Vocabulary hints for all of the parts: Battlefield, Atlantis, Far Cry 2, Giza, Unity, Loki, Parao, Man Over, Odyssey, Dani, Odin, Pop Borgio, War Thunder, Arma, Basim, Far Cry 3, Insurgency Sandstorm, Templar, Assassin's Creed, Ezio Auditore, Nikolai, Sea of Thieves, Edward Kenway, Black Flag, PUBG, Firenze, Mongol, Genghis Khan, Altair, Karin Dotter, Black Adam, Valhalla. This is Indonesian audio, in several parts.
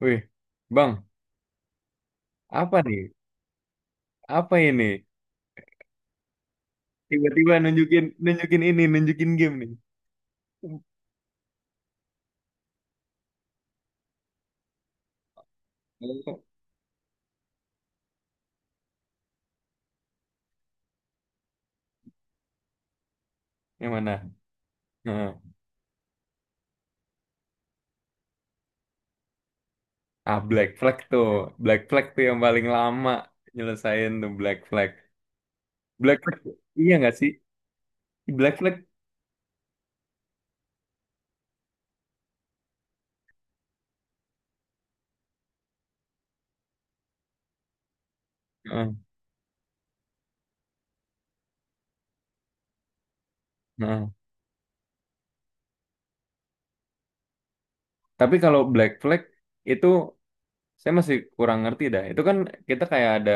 Wih, Bang, apa nih? Apa ini? Tiba-tiba nunjukin nunjukin ini, nunjukin game nih. Yang mana? Nah, ah Black Flag tuh. Black Flag tuh yang paling lama nyelesain tuh Black Flag. Black Flag iya nggak sih? Black Flag. Heeh, heeh. Tapi kalau Black Flag itu saya masih kurang ngerti dah. Itu kan kita kayak ada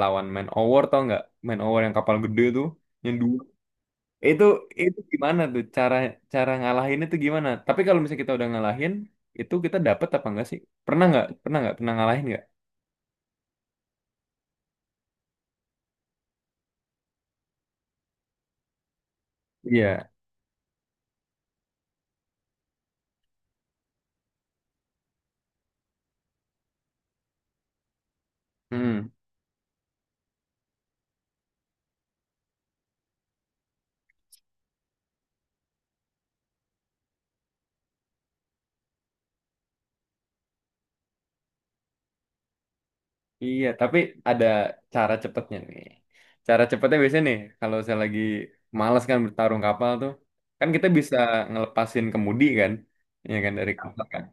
lawan Man Over tau nggak? Man Over yang kapal gede tuh, yang dua. Itu itu gimana tuh cara cara ngalahin itu gimana? Tapi kalau misalnya kita udah ngalahin, itu kita dapet apa enggak sih? Pernah nggak? Pernah nggak? Pernah ngalahin nggak? Iya. Hmm. Iya, tapi ada cara cepetnya nih. Cara cepetnya biasanya nih, kalau saya lagi males kan bertarung kapal tuh, kan kita bisa ngelepasin kemudi kan, ya kan dari kapal kan.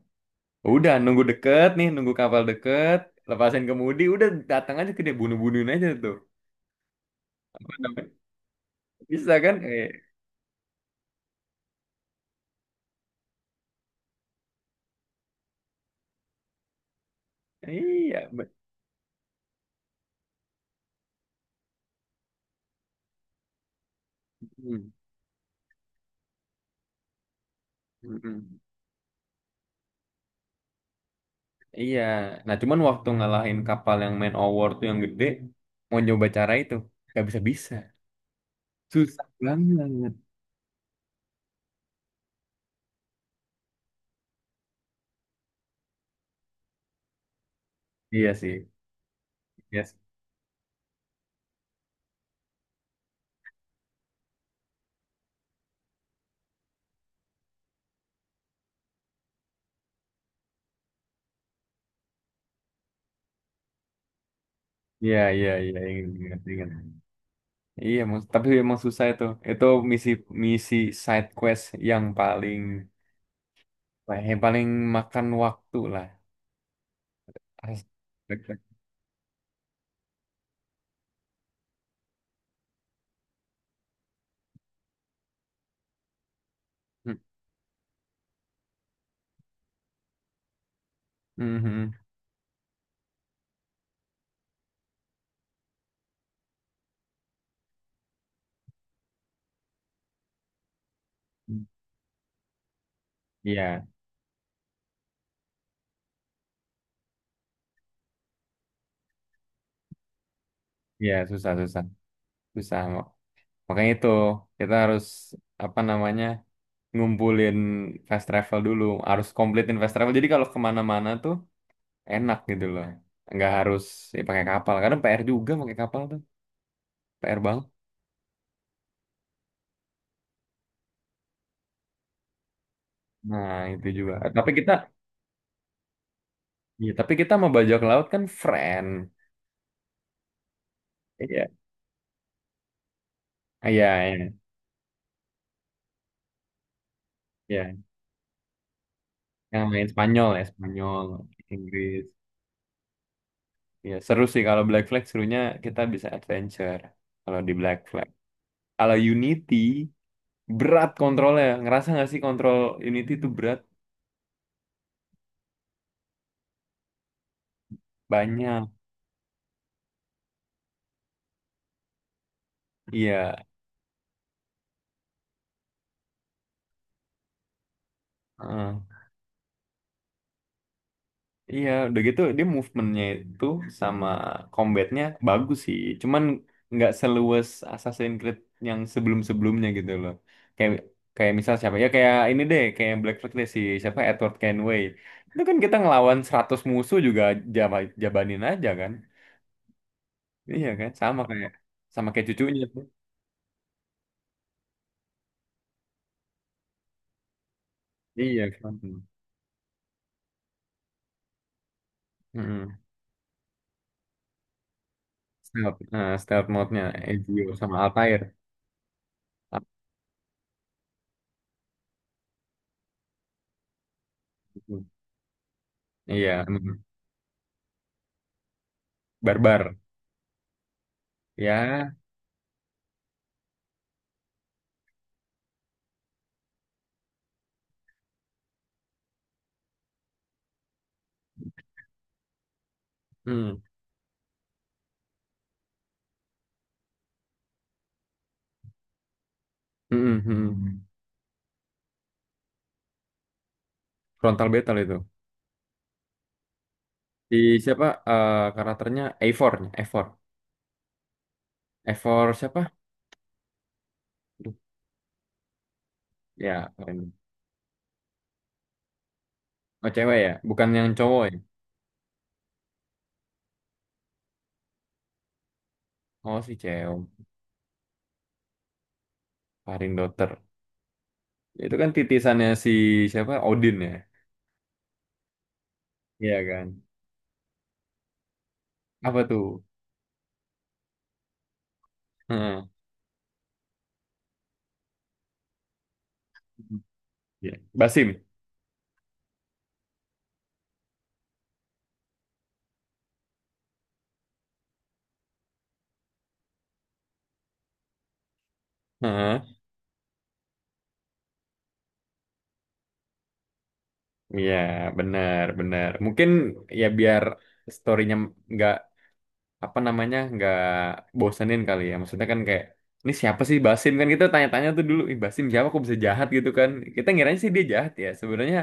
Udah nunggu deket nih, nunggu kapal deket, lepasin kemudi, udah datang aja ke dia bunuh-bunuhin aja tuh. Apa namanya? Bisa kan? Eh, iya. Bet- hmm. Mm-mm. Iya. Nah, cuman waktu ngalahin kapal yang main award tuh yang gede, mau nyoba cara itu, nggak bisa-bisa. Susah banget. Iya sih. Yes. Iya, iya, iya, ingat, ingat, ingat. Iya, emang- tapi emang susah itu. Itu misi misi side quest yang paling yang paling makan waktu lah. As- hmm. Mhm. Iya, iya susah susah susah. Makanya itu kita harus apa namanya? Ngumpulin fast travel dulu, harus kompletin fast travel jadi kalau kemana-mana tuh enak gitu loh, nggak harus, ya, pakai kapal karena PR juga pakai kapal tuh PR banget. Nah, itu juga tapi kita, ya, tapi kita mau bajak laut kan friend. Iya, iya, iya, iya. Yang main Spanyol ya Spanyol Inggris. Iya seru sih kalau Black Flag serunya kita bisa adventure kalau di Black Flag. Kalau Unity berat kontrolnya, ngerasa nggak sih kontrol Unity itu berat? Banyak. Iya, heeh. Iya, udah gitu dia movementnya itu sama combatnya bagus sih. Cuman nggak seluas Assassin's Creed yang sebelum-sebelumnya gitu loh. Kayak kayak misal siapa ya kayak ini deh kayak Black Flag deh si siapa Edward Kenway. Itu kan kita ngelawan 100 musuh juga jaba, jabanin aja kan. Iya kan sama kayak cucunya tuh. Iya kan. Heeh. Stealth, stealth mode-nya Ezio sama Altair. Apa itu? Iya, mm, barbar. Ya, mm. Mm-mm, mm-mm. Frontal battle itu. Di siapa karakternya A4, A4. A4 siapa? Duh, ya, Karin. Oh, cewek ya, bukan yang cowok ya. Oh, si cewek, Karin Dotter. Itu kan titisannya si siapa? Odin ya. Iya kan. Apa tuh? Heeh. Iya. Basim. Heeh. Iya, benar, benar. Mungkin ya biar storynya nggak apa namanya nggak bosenin kali ya, maksudnya kan kayak ini siapa sih Basim kan kita tanya-tanya tuh dulu ih Basim siapa kok bisa jahat gitu kan. Kita ngiranya sih dia jahat ya sebenarnya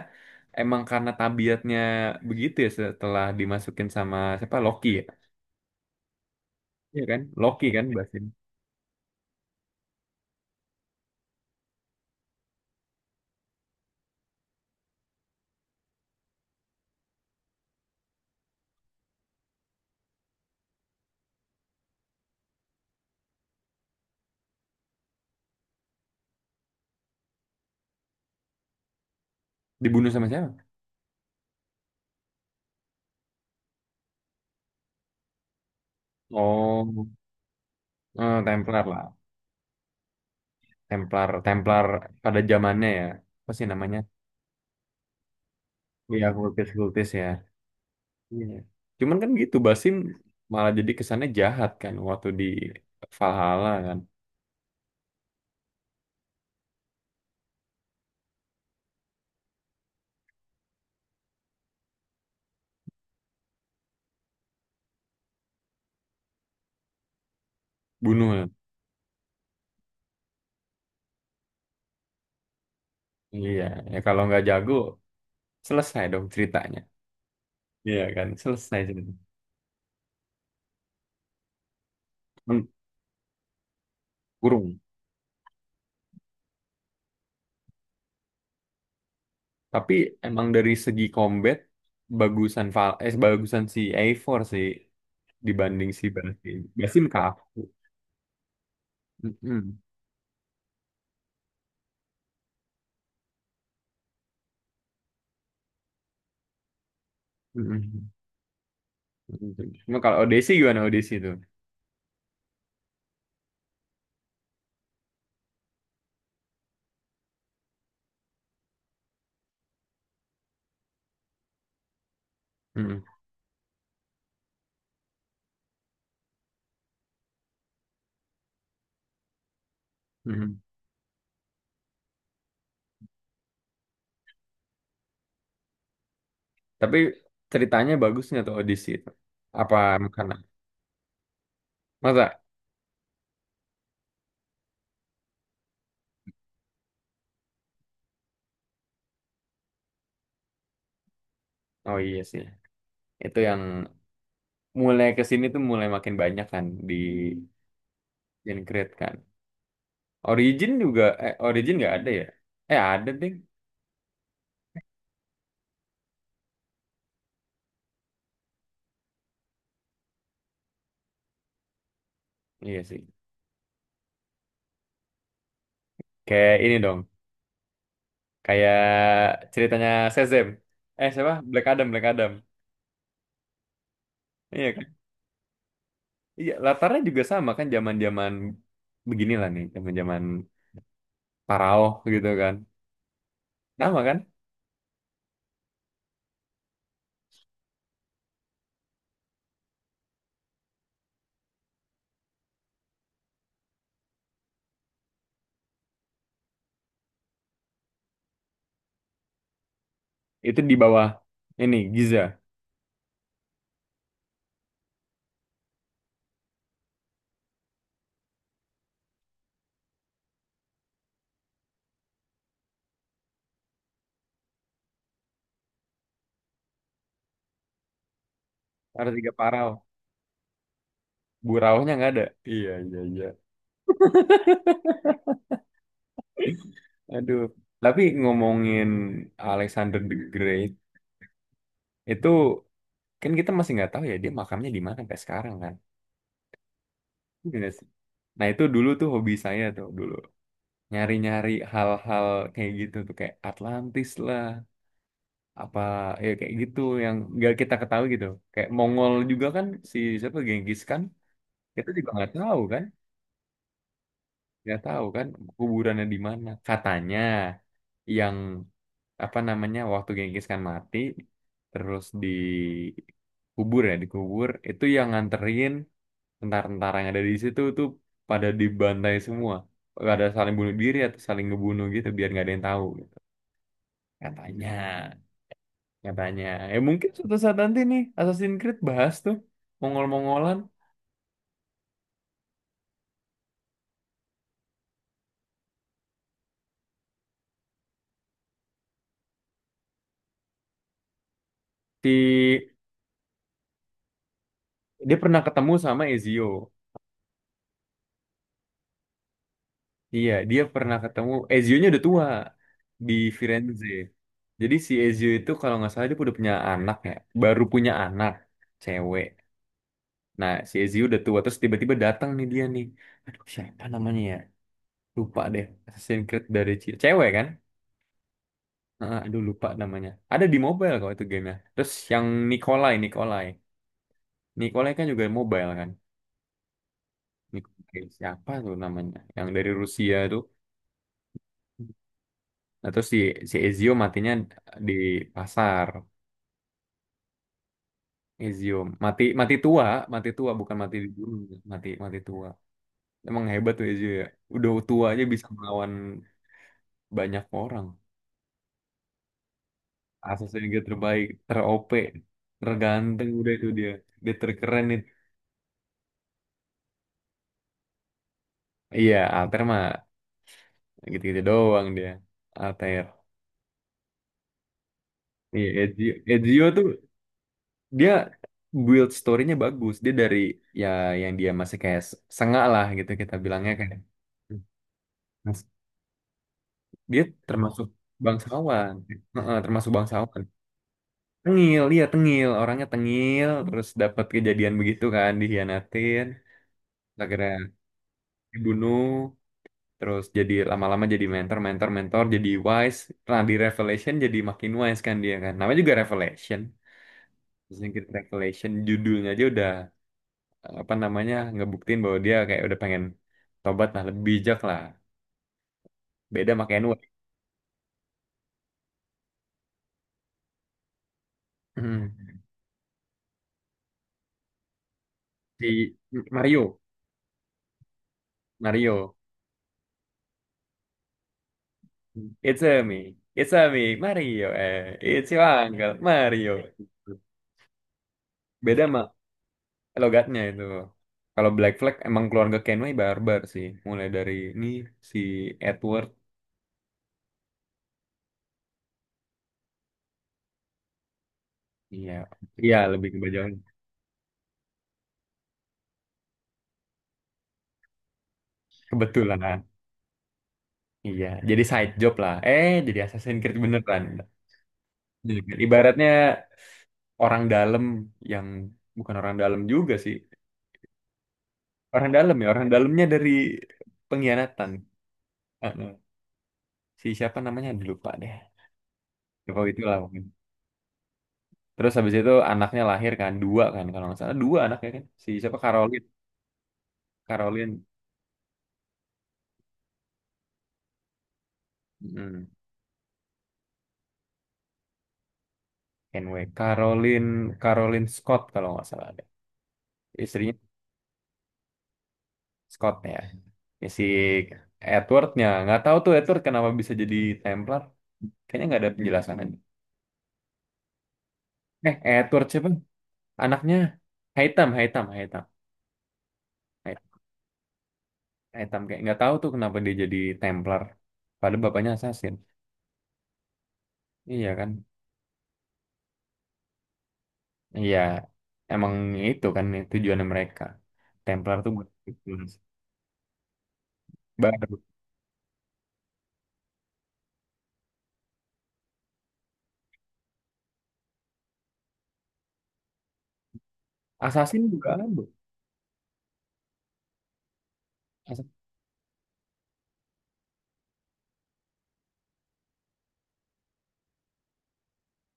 emang karena tabiatnya begitu ya setelah dimasukin sama siapa Loki ya iya kan Loki kan Basim dibunuh sama siapa oh Templar lah Templar Templar pada zamannya ya apa sih namanya iya kultis-kultis ya. Iya. Cuman kan gitu Basim malah jadi kesannya jahat kan waktu di Valhalla kan. Bunuh ya. Iya, ya kalau nggak jago selesai dong ceritanya. Iya kan, selesai ceritanya. Men- kurung. Tapi emang dari segi combat bagusan Val eh bagusan si A4 sih dibanding si Basim. Basim kaku. Mm-mm. Mm-mm. Mm-mm. Cuma kalau Odyssey gimana, Odyssey itu? Mm-mm. Mm-mm. Tapi ceritanya bagusnya tuh Odyssey itu. Apa karena masa? Oh iya sih. Itu yang mulai ke sini tuh mulai makin banyak kan di Gen Creed kan. Origin juga, eh Origin nggak ada ya? Eh ada deh. Iya sih. Kayak ini dong. Kayak ceritanya Shazam. Eh siapa? Black Adam, Black Adam. Iya kan? Iya, latarnya juga sama kan zaman-zaman beginilah nih, zaman-zaman Parao gitu kan. Sama kan? Itu di bawah ini Giza. Ada 3 Parao. Buraunya nggak ada. Iya, iya, iya. Aduh. Tapi ngomongin Alexander the Great itu kan kita masih nggak tahu ya dia makamnya di mana sampai sekarang kan. Iya nggak. Nah itu dulu tuh hobi saya tuh dulu nyari-nyari hal-hal kayak gitu tuh kayak Atlantis lah apa ya kayak gitu yang nggak kita ketahui gitu kayak Mongol juga kan si siapa Genghis kan kita juga nggak tahu kan kuburannya di mana katanya yang apa namanya waktu Genghis Khan mati terus dikubur ya dikubur itu yang nganterin tentara ada di situ tuh pada dibantai semua. Gak ada saling bunuh diri atau saling ngebunuh gitu biar nggak ada yang tahu gitu. Katanya, katanya. Ya mungkin suatu saat nanti nih Assassin's Creed bahas tuh Mongol-Mongolan. Si dia pernah ketemu sama Ezio. Iya, dia pernah ketemu Ezio-nya udah tua di Firenze. Jadi si Ezio itu kalau nggak salah dia udah punya anak ya, baru punya anak cewek. Nah, si Ezio udah tua terus tiba-tiba datang nih dia nih. Aduh, siapa namanya ya? Lupa deh. Assassin's Creed dari ce- cewek kan? Heeh, aduh lupa namanya. Ada di mobile kok itu gamenya. Terus yang Nikolai, Nikolai. Nikolai kan juga mobile kan? Nikolai siapa tuh namanya? Yang dari Rusia tuh. Nah, terus si, si Ezio matinya di pasar. Ezio mati mati tua bukan mati di gunung, mati mati tua. Emang hebat tuh Ezio ya. Udah tua aja bisa melawan banyak orang. Assassin's Creed terbaik, ter-OP, terganteng udah itu dia. Dia terkeren. Iya, Alter mah gitu-gitu doang dia. Alter. Iya, Ezio, Ezio tuh dia build story-nya bagus. Dia dari ya yang dia masih kayak s- sengak lah gitu kita bilangnya kan. Mas- dia termasuk bangsawan. Heeh, termasuk bangsawan. Tengil, dia tengil, orangnya tengil, terus dapat kejadian begitu kan, dihianatin, akhirnya dibunuh, terus jadi lama-lama jadi mentor, mentor, mentor, jadi wise. Nah, di Revelation jadi makin wise kan dia kan. Namanya juga Revelation. Shingkiz Revelation judulnya aja udah apa namanya ngebuktiin bahwa dia kayak udah pengen tobat lah lebih bijak lah beda sama Kenwa si Mario Mario it's a me Mario eh it's your uncle Mario beda sama logatnya itu kalau Black Flag emang keluarga Kenway barbar sih mulai dari ini si Edward iya iya lebih ke bajak laut. Kebetulan iya jadi side job lah eh jadi Assassin's Creed beneran. Iya. Ibaratnya orang dalam yang bukan orang dalam juga sih. Orang dalam ya, orang dalamnya dari pengkhianatan. Eh, eh. Si siapa namanya aduh, lupa deh. Lupa itulah mungkin. Terus habis itu anaknya lahir kan dua kan kalau nggak salah dua anaknya kan. Si siapa Caroline, Caroline, hmm, anyway, Caroline, Caroline Scott kalau nggak salah ada. Istrinya Scott ya. Ya, si Edwardnya nggak tahu tuh Edward kenapa bisa jadi Templar. Kayaknya nggak ada penjelasan aja. Eh, Edward siapa? Anaknya Haitam, Haitam, Haitam, Hai- Haitam kayak nggak tahu tuh kenapa dia jadi Templar. Padahal bapaknya assassin. Iya kan? Iya, emang itu kan tujuannya mereka. Templar tuh buat influence. Baru. Assassin juga ada. Assassin.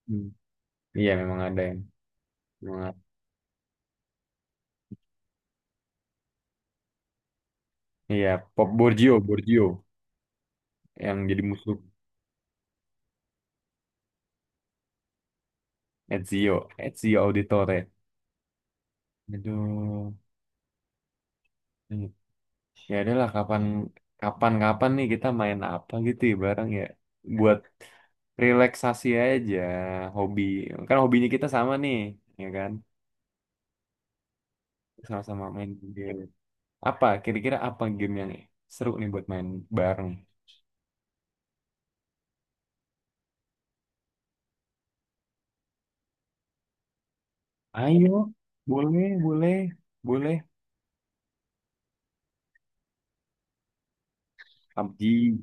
Hmm. Iya memang ada yang. Memang ada. Iya, Pop Borgio, Borgio yang jadi musuh Ezio, Ezio Auditore. Aduh, iya. Ya adalah kapan kapan kapan nih kita main apa gitu ya bareng ya buat relaksasi aja hobi kan hobinya kita sama nih ya kan sama-sama main game apa kira-kira apa game yang seru nih buat main bareng ayo boleh boleh boleh PUBG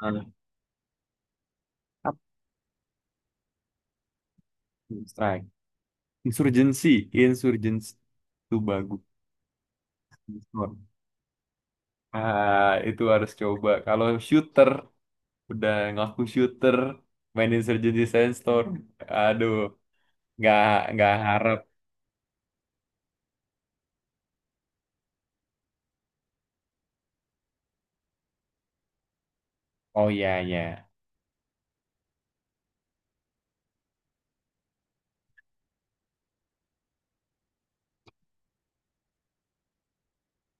ah, apa? Strike Insurgency Insurgency itu bagus ah itu harus coba kalau shooter udah ngaku shooter main Insurgency Sandstorm aduh nggak nggak harap oh iya iya.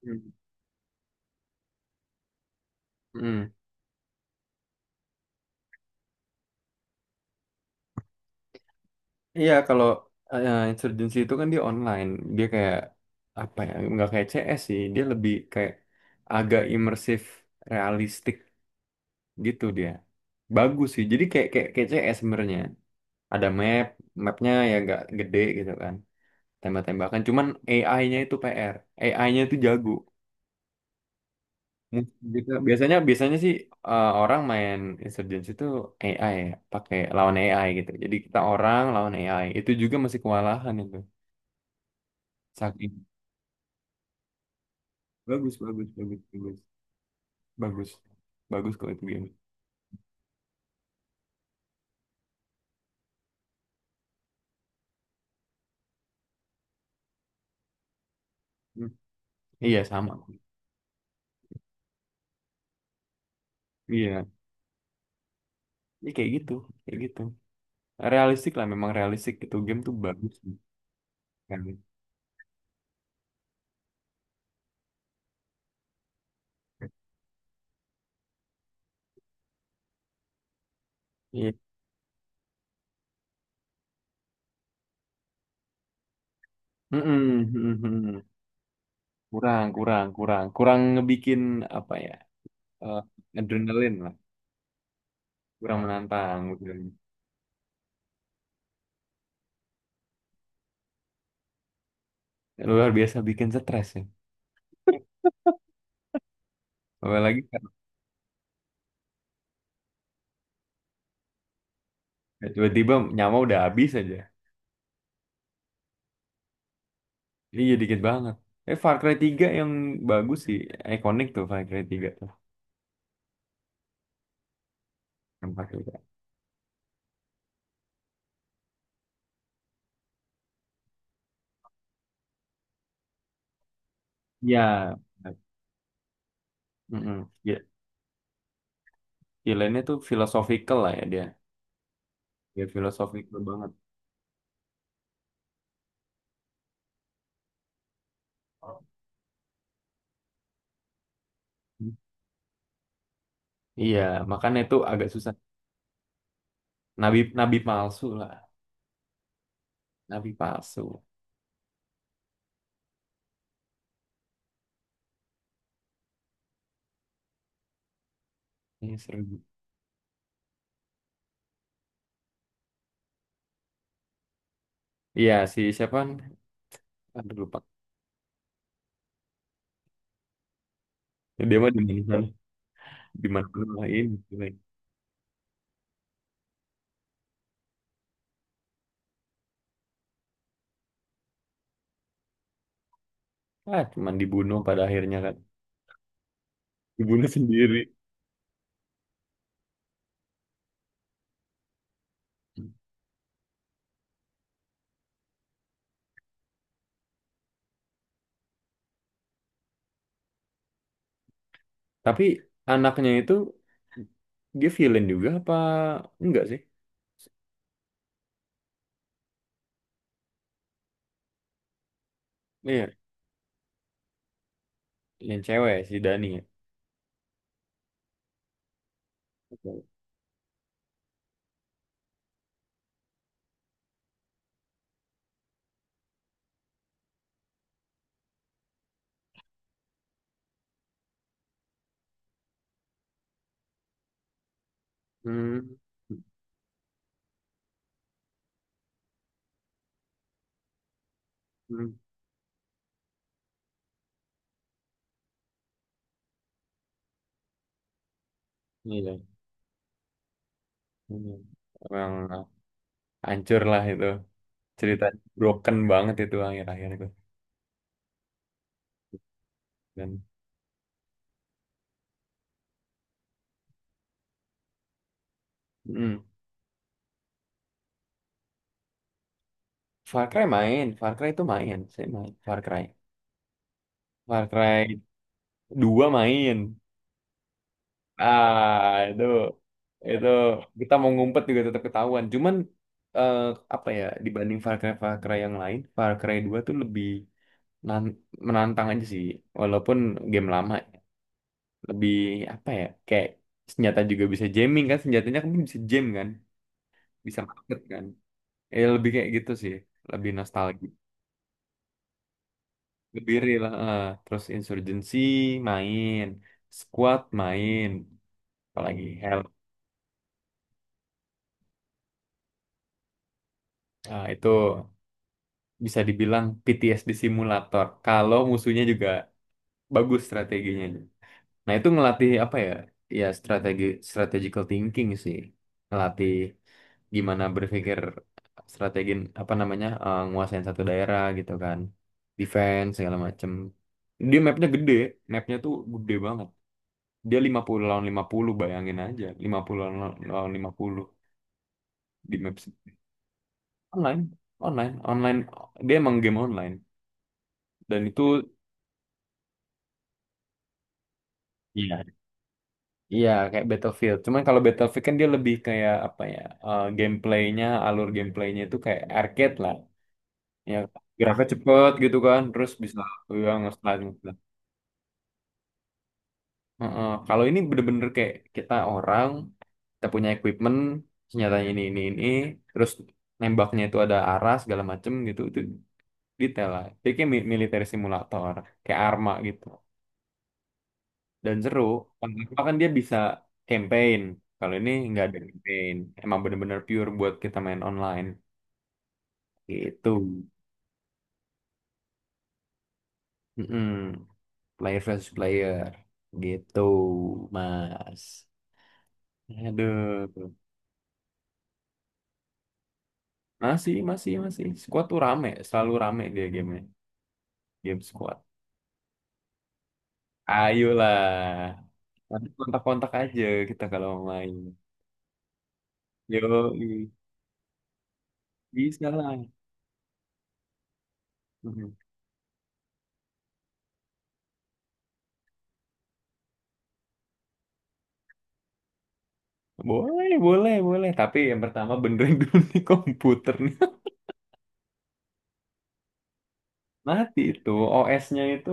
Hmm. Hmm. Iya kalau Insurgency itu kan dia online dia kayak apa ya nggak kayak CS sih dia lebih kayak agak imersif realistik gitu dia bagus sih jadi kayak kayak, kayak CS sebenarnya ada map mapnya ya nggak gede gitu kan tembak-tembakan cuman AI-nya itu PR AI-nya itu jago. Mungkin gitu. Biasanya biasanya sih orang main Insurgency itu AI ya, pakai lawan AI gitu. Jadi kita orang lawan AI. Itu juga masih kewalahan itu. Saking bagus bagus bagus bagus bagus bagus kalau itu game. Hmm. Iya sama. Iya. Ini kayak gitu, kayak gitu. Realistik lah memang realistik itu game tuh bagus sih, kan. Iya. Mm-mm, mm-mm. Kurang kurang kurang kurang ngebikin apa ya? eh, adrenalin lah, kurang menantang gitu. Luar biasa bikin stres ya. Apalagi kalau tiba-tiba nyawa udah habis aja. Iya dikit banget. Eh Far Cry tiga yang bagus sih, ikonik tuh Far Cry tiga tuh. Yang Far Cry 3. Iya. Mm-mm. Ya, pilihannya tuh philosophical lah ya dia. Dia philosophical banget. Hmm. Iya, makanya itu agak susah. Nabi nabi palsu lah, nabi palsu. Ini seru. Iya si siapa? Aduh lupa. Dia mah di mana? Di mana ini? Ah, cuman dibunuh pada akhirnya kan. Ibunya sendiri. Tapi anaknya itu dia villain juga apa enggak sih? Iya, yang cewek si Dani ya. Hmm. Hmm. Iya. Hmm. Emang hancur lah itu. Cerita broken banget itu akhir-akhir itu. Dan hmm. Far Cry main, Far Cry itu main, saya main Far Cry. Far Cry dua main. Ah, itu kita mau ngumpet juga tetap ketahuan. Cuman eh, apa ya dibanding Far Cry Far Cry yang lain, Far Cry 2 tuh lebih nan- menantang aja sih. Walaupun game lama, lebih apa ya kayak senjata juga bisa jamming kan, senjatanya kan bisa jam kan, bisa market kan. Lebih kayak gitu sih, lebih nostalgia, lebih real. Eh. Terus Insurgency main, Squad main, apalagi Hell. Ah, itu bisa dibilang PTSD simulator kalau musuhnya juga bagus strateginya. Nah, itu ngelatih apa ya? Ya strategical thinking sih. Ngelatih gimana berpikir strategi apa namanya? Nguasain satu daerah gitu kan. Defense segala macem. Dia mapnya gede, mapnya tuh gede banget. Dia 50 lawan 50 bayangin aja. Lima puluh lawan lawan 50 di maps online, online. Dia emang game online dan itu. Iya. Iya, kayak Battlefield. Cuman kalau Battlefield kan dia lebih kayak apa ya? Gameplaynya, alur gameplaynya itu kayak arcade lah. Ya, geraknya cepet gitu kan, terus bisa ya nge-slide nge-slide. Heeh. Kalau ini bener-bener kayak kita orang, kita punya equipment, senjatanya ini, terus nembaknya itu ada arah segala macem gitu. Itu detail lah. Jadi kayak military simulator, kayak Arma gitu. Dan seru. Apa kan dia bisa campaign. Kalau ini nggak ada campaign. Emang bener-bener pure buat kita main online. Gitu. Mm-mm. Player versus player. Gitu, Mas. Aduh. Masih, masih, masih. Squad tuh rame. Selalu rame dia gamenya. Game squad. Ayolah. Nanti kontak-kontak aja kita kalau mau main. Yo, bisa lah. Mm. Boleh, boleh, boleh. Tapi yang pertama benerin dulu nih komputer mati itu, OS-nya itu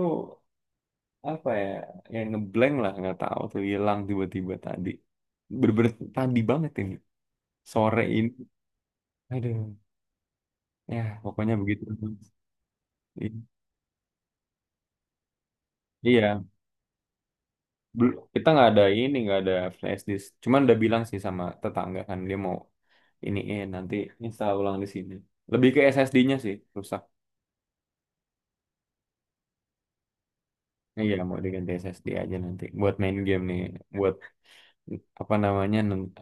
apa ya, yang ngeblank lah, nggak tahu tuh hilang tiba-tiba tadi, berber tadi banget ini sore ini, aduh, ya pokoknya begitu. I- iya. Kita nggak ada ini, nggak ada flash disk, cuman udah bilang sih sama tetangga kan, dia mau ini, nanti install ulang di sini. Lebih ke SSD-nya sih rusak. Iya, mau diganti SSD aja nanti buat main game nih, buat apa namanya,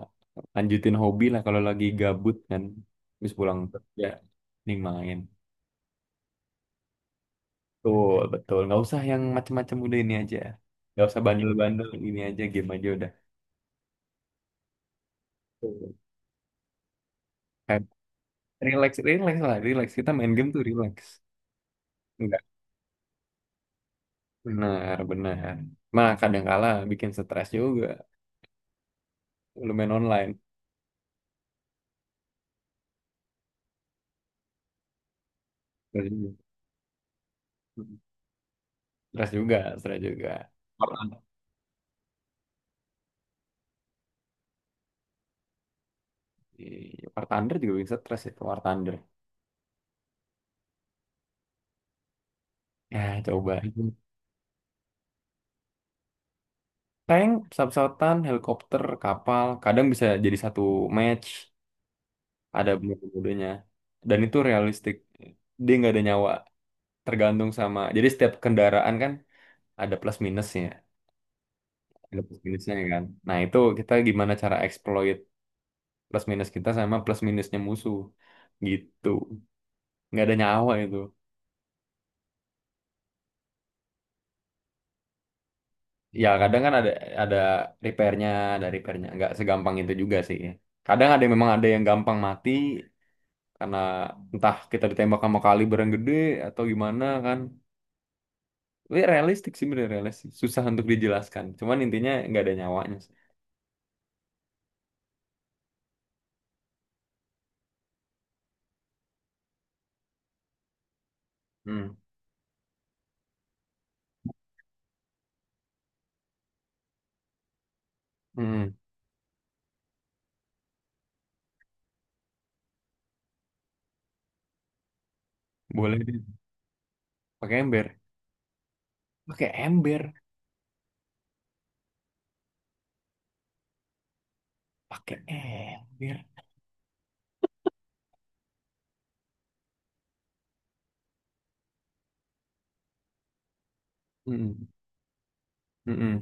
lanjutin hobi lah kalau lagi gabut kan, habis pulang kerja nih main tuh. Betul, nggak usah yang macem-macem, udah ini aja, nggak usah bandel-bandel, ini aja, game aja udah. Betul. Kayak relax relax lah, relax, kita main game tuh relax. Enggak, benar benar mah kadang kala bikin stres juga lu main online. Stres juga, stres juga, stres juga. War Thunder. Iya, War Thunder juga bikin stres itu, War Thunder. Ya, coba. Tank, pesawat-pesawatan, helikopter, kapal, kadang bisa jadi satu match, ada mode-modenya. Dan itu realistik, dia nggak ada nyawa, tergantung sama, jadi setiap kendaraan kan ada plus minusnya, ada plus minusnya kan. Nah itu kita gimana cara exploit plus minus kita sama plus minusnya musuh, gitu. Nggak ada nyawa itu. Ya kadang kan ada repairnya, ada repairnya, nggak segampang itu juga sih. Kadang ada yang memang ada yang gampang mati, karena entah kita ditembak sama kaliber yang gede atau gimana kan. Tapi realistik sih, bener realistik, susah untuk dijelaskan, cuman intinya nggak ada nyawanya sih. Hmm. Hmm. Boleh deh. Pakai ember, pakai ember, pakai ember. Hmm. Hmm.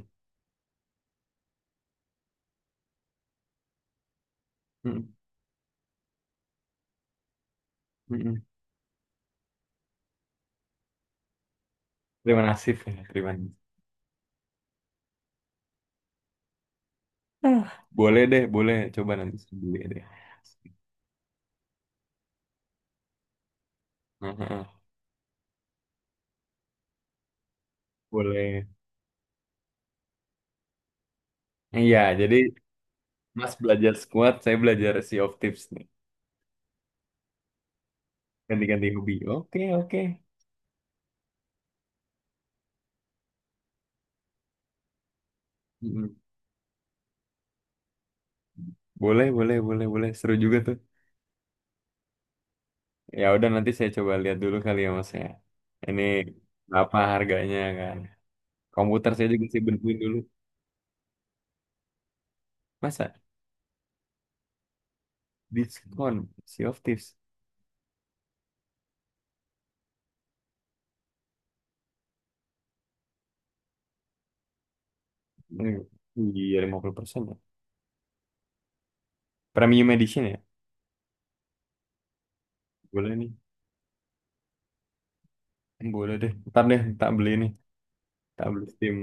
Hmm. Hmm. Terima kasih ya, terima kasih. Ah. Boleh deh, boleh, coba nanti saya beli deh. Heeh. Boleh. Iya, jadi Mas belajar squat, saya belajar Sea of Tips nih. Ganti-ganti hobi, oke, oke. Mm-mm. Boleh, boleh, boleh, boleh. Seru juga tuh. Ya udah nanti saya coba lihat dulu kali ya Mas ya. Ini apa harganya kan. Komputer saya juga sih bentuin dulu. Masa diskon Sea of Thieves? Hmm. Iya, 50% ya. Premium Edition ya? Boleh nih. Boleh deh. Ntar deh, tak beli nih. Tak beli Steam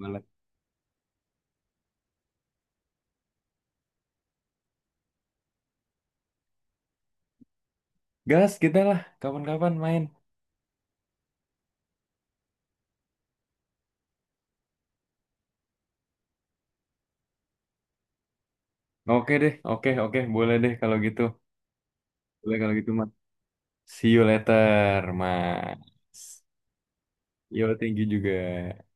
Wallet. Gas kita lah, kapan-kapan main. Oke deh, oke, oke. Boleh deh kalau gitu. Boleh kalau gitu, Mas. See you later, Mas. Yo, thank you juga.